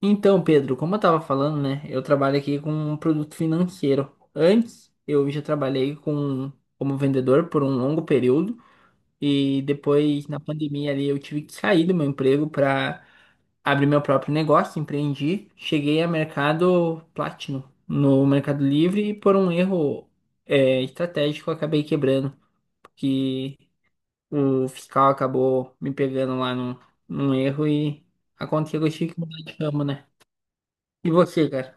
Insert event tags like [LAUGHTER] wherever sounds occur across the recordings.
Então, Pedro, como eu estava falando, né? Eu trabalho aqui com um produto financeiro. Antes, eu já trabalhei com, como vendedor por um longo período e depois, na pandemia ali, eu tive que sair do meu emprego para abrir meu próprio negócio, empreendi. Cheguei a mercado Platinum no Mercado Livre e por um erro estratégico eu acabei quebrando, porque o fiscal acabou me pegando lá num erro e aconteceu que eu tive que mudar de ramo, né? E você, cara?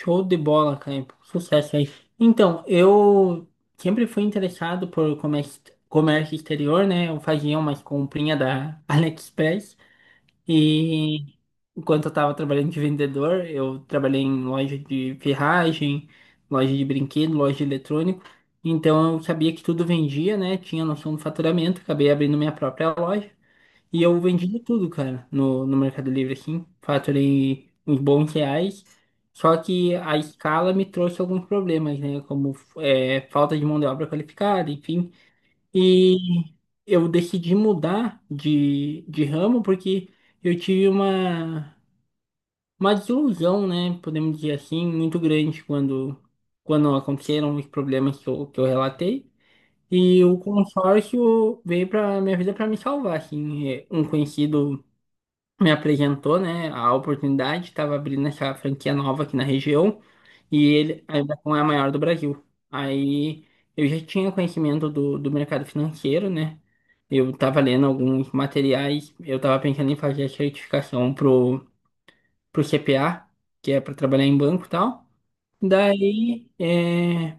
Show de bola, cara. Sucesso aí. Então, eu sempre fui interessado por comércio, comércio exterior, né? Eu fazia umas comprinhas da [LAUGHS] AliExpress e enquanto eu estava trabalhando de vendedor, eu trabalhei em loja de ferragem, loja de brinquedo, loja de eletrônico. Então, eu sabia que tudo vendia, né? Tinha noção do faturamento, acabei abrindo minha própria loja. E eu vendi tudo, cara, no Mercado Livre, assim. Faturei uns bons reais. Só que a escala me trouxe alguns problemas, né? Como é, falta de mão de obra qualificada, enfim. E eu decidi mudar de ramo porque eu tive uma desilusão, né? Podemos dizer assim, muito grande quando aconteceram os problemas que eu relatei. E o consórcio veio para minha vida para me salvar, assim. É, um conhecido me apresentou, né, a oportunidade, estava abrindo essa franquia nova aqui na região e ele ainda não é a maior do Brasil. Aí eu já tinha conhecimento do mercado financeiro, né? Eu estava lendo alguns materiais, eu estava pensando em fazer a certificação pro CPA, que é para trabalhar em banco e tal. Daí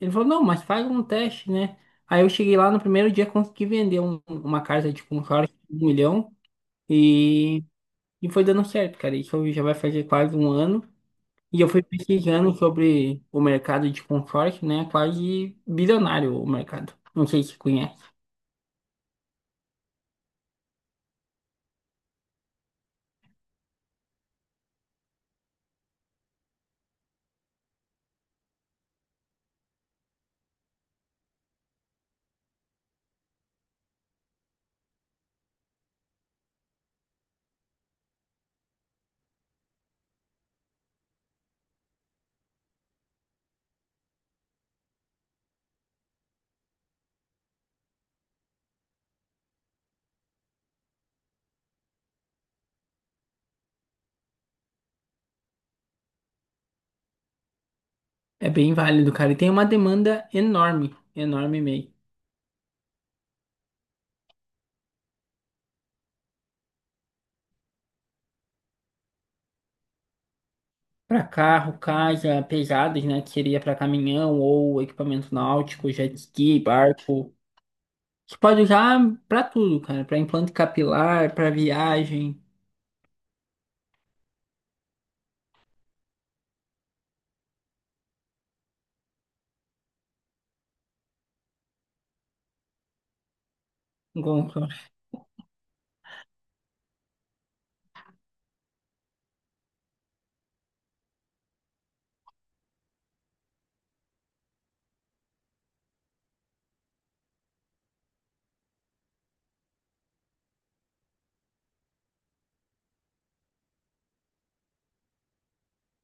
ele falou, não, mas faz um teste, né? Aí eu cheguei lá no primeiro dia, consegui vender uma casa de consórcio de 1 milhão. E foi dando certo, cara. Isso já vai fazer quase um ano. E eu fui pesquisando sobre o mercado de consórcio, né? Quase bilionário o mercado. Não sei se conhece. É bem válido, cara. E tem uma demanda enorme, enorme mesmo. Para carro, casa, pesados, né? Que seria para caminhão ou equipamento náutico, jet ski, barco. Você pode usar para tudo, cara. Para implante capilar, para viagem. Bom, cara,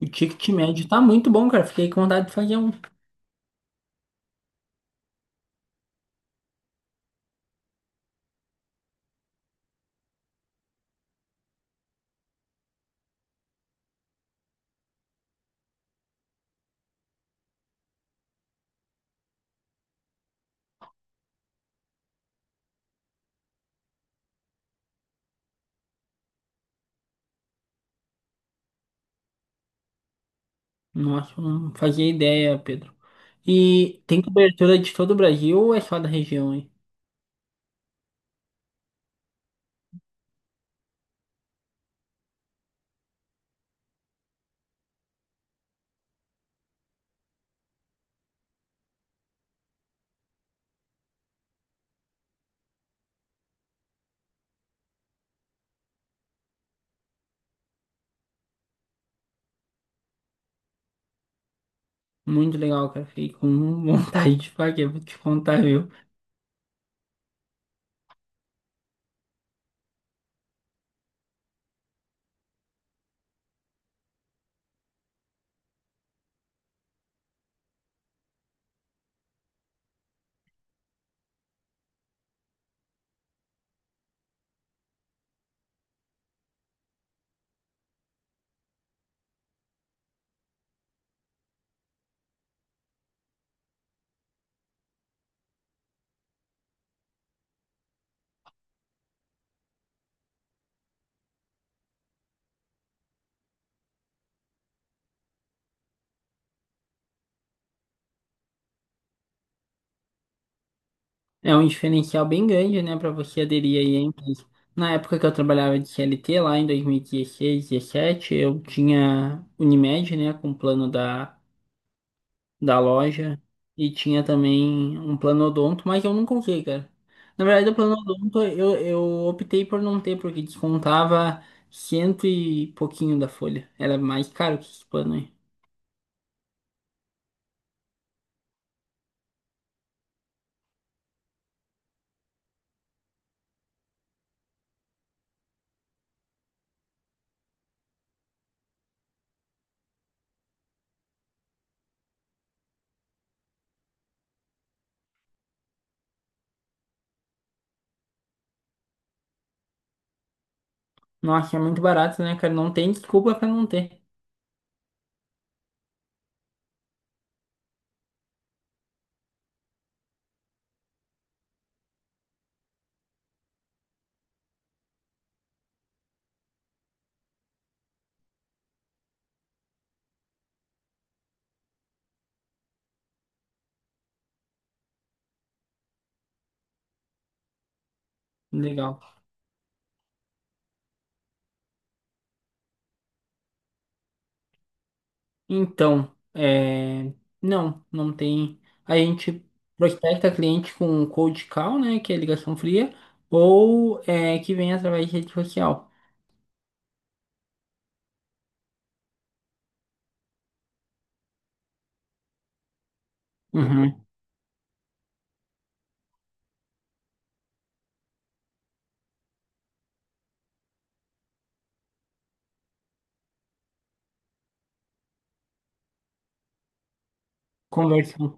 o ticket médio tá muito bom, cara. Fiquei com vontade de fazer um. Nossa, não fazia ideia, Pedro. E tem cobertura de todo o Brasil ou é só da região, hein? Muito legal, cara. Fiquei com [LAUGHS] vontade de fazer, vou te contar, viu? É um diferencial bem grande, né, pra você aderir aí à empresa. Na época que eu trabalhava de C L T lá em 2016, 17, eu tinha Unimed, né, com o plano da loja e tinha também um planodonto, mas eu nunca usei, cara. Na verdade, o planodonto eu optei por não ter, porque descontava cento e pouquinho da folha. Era mais caro que esse plano aí. Nossa, é muito barato, né, cara? Não tem desculpa pra não ter. Legal. Então, é... não, não tem. A gente prospecta cliente com um cold call, né, que é ligação fria, ou que vem através de rede social. Uhum. Conversa.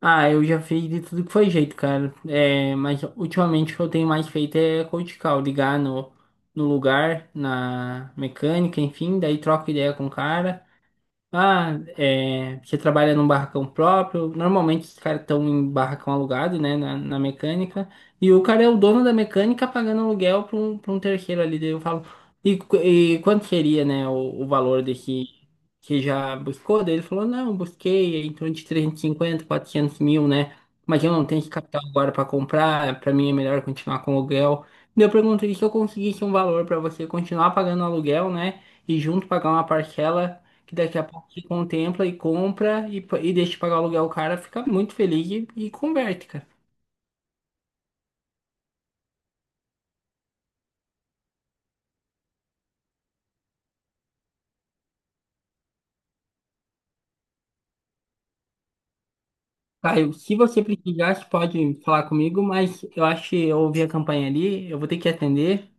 Ah, eu já fiz de tudo que foi jeito, cara. É, mas ultimamente o que eu tenho mais feito é cold call, ligar no lugar, na mecânica, enfim, daí troco ideia com o cara. Ah, é, você trabalha num barracão próprio. Normalmente os caras estão em barracão alugado, né, na mecânica. E o cara é o dono da mecânica pagando aluguel para um terceiro ali. Daí eu falo, e quanto seria, né, o valor desse que já buscou? Daí ele falou, não, busquei em torno de 350, 400 mil, né? Mas eu não tenho esse capital agora para comprar. Para mim é melhor continuar com aluguel. Daí eu pergunto, e se eu conseguisse um valor para você continuar pagando aluguel, né? E junto pagar uma parcela que daqui a pouco te contempla e compra e, pa- e deixa pagar o aluguel, o cara fica muito feliz e converte, cara. Caio, se você precisar, você pode falar comigo, mas eu acho que eu ouvi a campanha ali, eu vou ter que atender.